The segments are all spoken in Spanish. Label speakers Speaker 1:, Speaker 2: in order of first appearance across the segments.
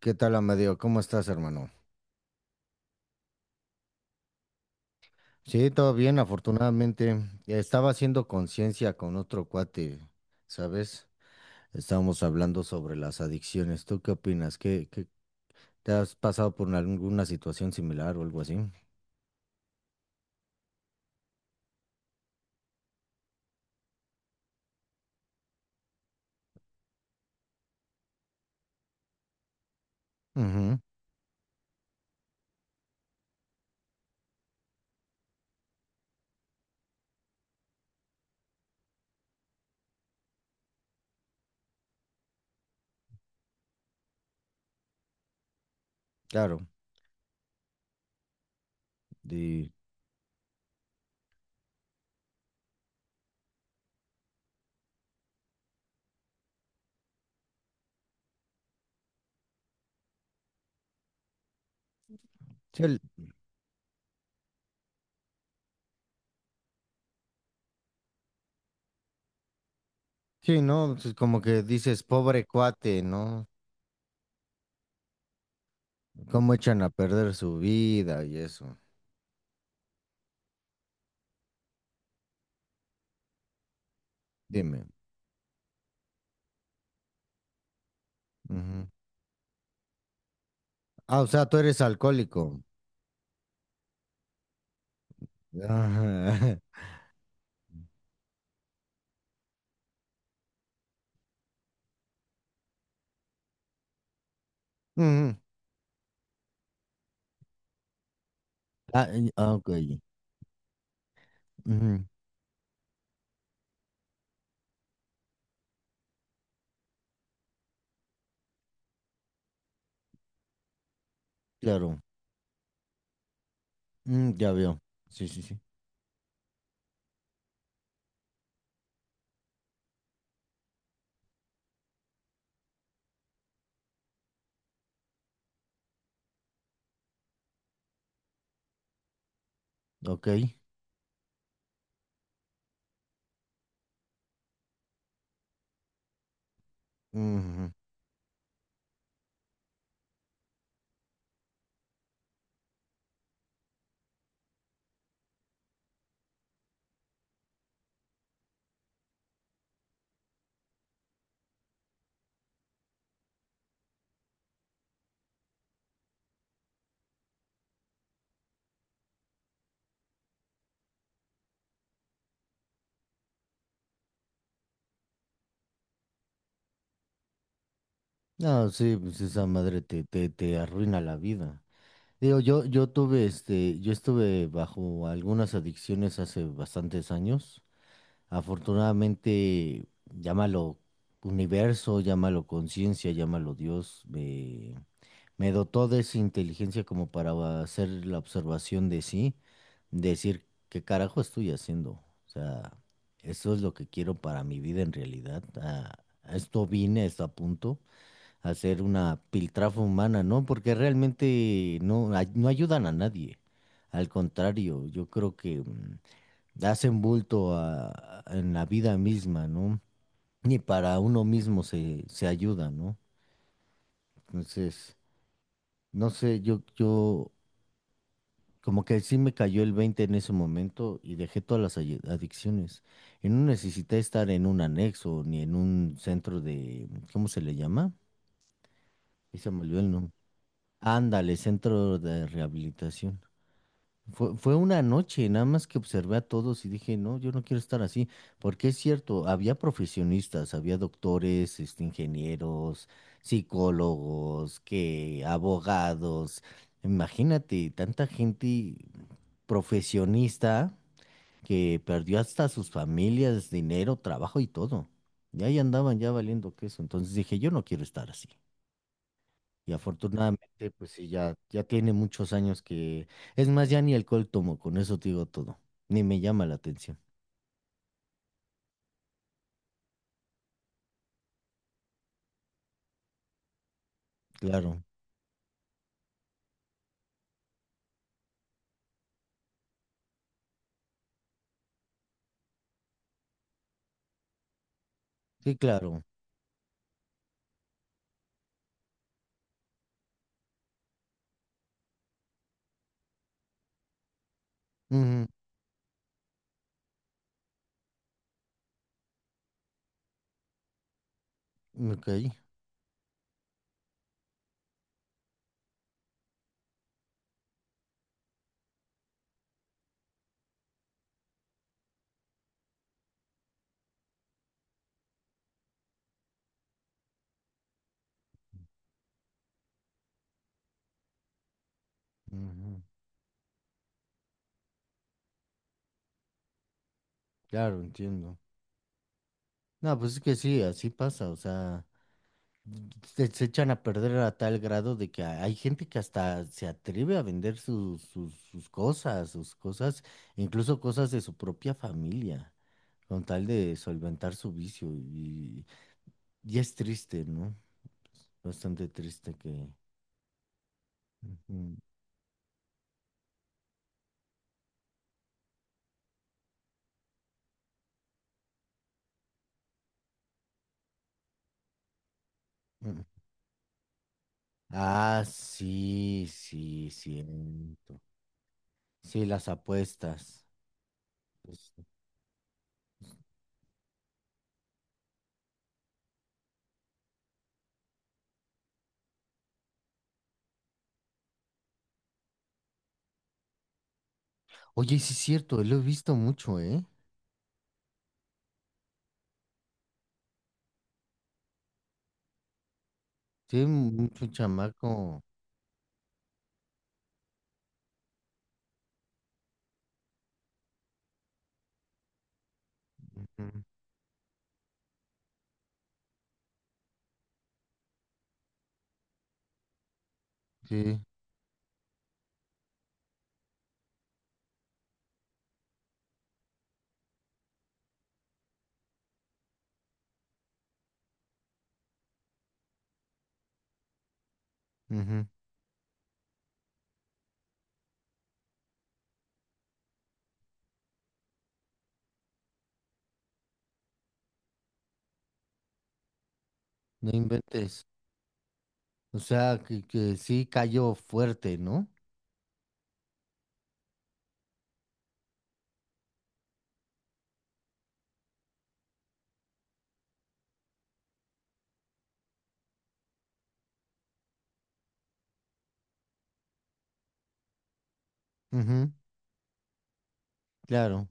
Speaker 1: ¿Qué tal, Amadeo? ¿Cómo estás, hermano? Sí, todo bien, afortunadamente. Estaba haciendo conciencia con otro cuate, ¿sabes? Estábamos hablando sobre las adicciones. ¿Tú qué opinas? ¿Te has pasado por alguna situación similar o algo así? Ujú, claro. Y, sí, el- sí, ¿no? Pues como que dices, pobre cuate, ¿no? ¿Cómo echan a perder su vida y eso? Dime. Ujú. Ah, o sea, tú eres alcohólico. Ajá. Ujú. Ah, ok. Ujú, claro. Mm, ya veo. Sí, sí, sí. Ok. Ujú. No, sí, pues esa madre te arruina la vida. Digo, yo tuve este, yo estuve bajo algunas adicciones hace bastantes años. Afortunadamente, llámalo universo, llámalo conciencia, llámalo Dios, me dotó de esa inteligencia como para hacer la observación de sí, decir qué carajo estoy haciendo. O sea, eso es lo que quiero para mi vida en realidad. A esto vine, a esto apunto, a hacer una piltrafa humana, ¿no? Porque realmente no ayudan a nadie. Al contrario, yo creo que hacen bulto en la vida misma, ¿no? Ni para uno mismo se ayuda, ¿no? Entonces, no sé, yo, yo. Como que sí me cayó el 20 en ese momento y dejé todas las adicciones. Y no necesité estar en un anexo ni en un centro de, ¿cómo se le llama? Y se me olvidó el nombre. Ándale, centro de rehabilitación. Fue una noche, nada más que observé a todos y dije, no, yo no quiero estar así, porque es cierto, había profesionistas, había doctores, este, ingenieros, psicólogos, que abogados, imagínate, tanta gente profesionista que perdió hasta sus familias, dinero, trabajo y todo. Y ahí andaban ya valiendo queso, entonces dije, yo no quiero estar así. Y afortunadamente, pues sí, ya tiene muchos años que... Es más, ya ni alcohol tomo, con eso te digo todo. Ni me llama la atención. Claro, sí, claro. Ujú, ok, ujú, claro, entiendo. No, pues es que sí, así pasa, o sea, se echan a perder a tal grado de que hay gente que hasta se atreve a vender sus cosas, incluso cosas de su propia familia, con tal de solventar su vicio y es triste, no. Bastante triste que... Ujú. Mm. Ah, sí, sí, cierto. Sí, las apuestas. Pues, oye, sí es cierto, lo he visto mucho, ¿eh? Sí, mucho chamaco. Ujú, sí, ujú, no inventes. O sea, que sí cayó fuerte, ¿no? Ujú, claro.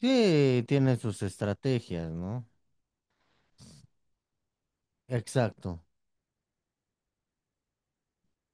Speaker 1: Sí, tiene sus estrategias, ¿no? Exacto.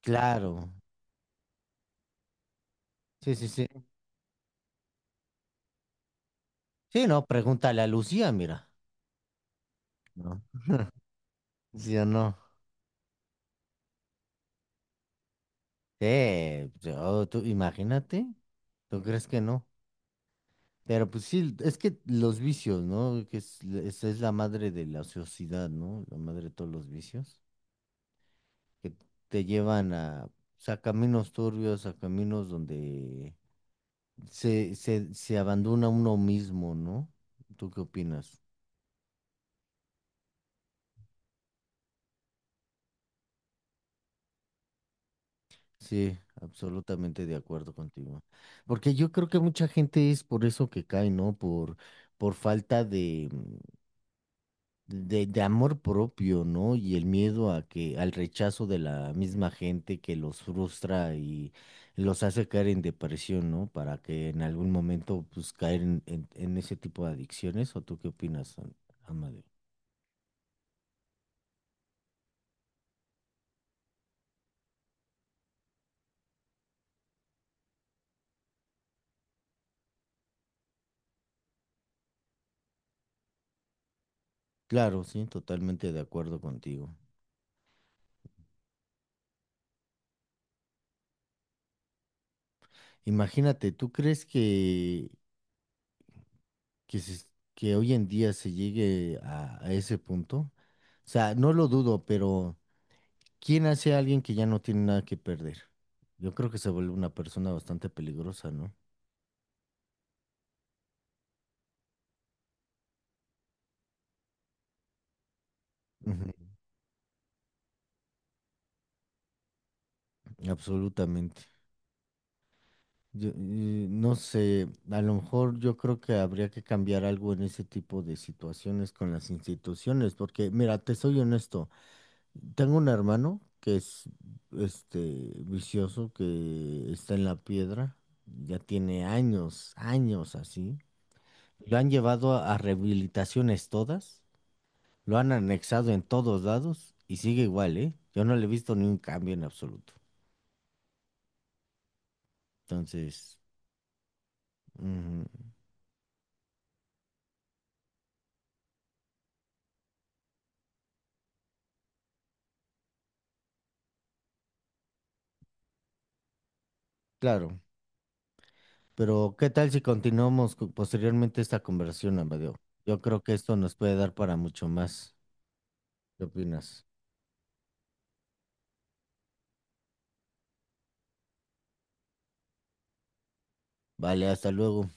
Speaker 1: Claro. Sí, sí, sí. Sí, no, pregúntale a Lucía, mira. ¿No? ¿Sí o no? Sí, yo, tú, imagínate, ¿tú crees que no? Pero pues sí, es que los vicios, ¿no? Esa es la madre de la sociedad, ¿no? La madre de todos los vicios, que te llevan a, pues, a caminos turbios, a caminos donde se abandona uno mismo, ¿no? ¿Tú qué opinas? Sí, absolutamente de acuerdo contigo. Porque yo creo que mucha gente es por eso que cae, ¿no? Por falta de de amor propio, ¿no? Y el miedo a que, al rechazo de la misma gente que los frustra y los hace caer en depresión, ¿no? Para que en algún momento, pues, caer en ese tipo de adicciones. ¿O tú qué opinas, Amadeo? Claro, sí, totalmente de acuerdo contigo. Imagínate, ¿tú crees que, se- ¿que hoy en día se llegue a ese punto? O sea, no lo dudo, pero... ¿Quién hace a alguien que ya no tiene nada que perder? Yo creo que se vuelve una persona bastante peligrosa, ¿no? Ujú, absolutamente. Yo, no sé, a lo mejor yo creo que habría que cambiar algo en ese tipo de situaciones con las instituciones, porque mira, te soy honesto, tengo un hermano que es este vicioso, que está en la piedra, ya tiene años, años así. Lo han llevado a rehabilitaciones todas. Lo han anexado en todos lados y sigue igual, ¿eh? Yo no le he visto ni un cambio en absoluto. Entonces, ujú, claro. Pero, ¿qué tal si continuamos posteriormente esta conversación, Amadeo? Yo creo que esto nos puede dar para mucho más. ¿Qué opinas? Vale, hasta luego.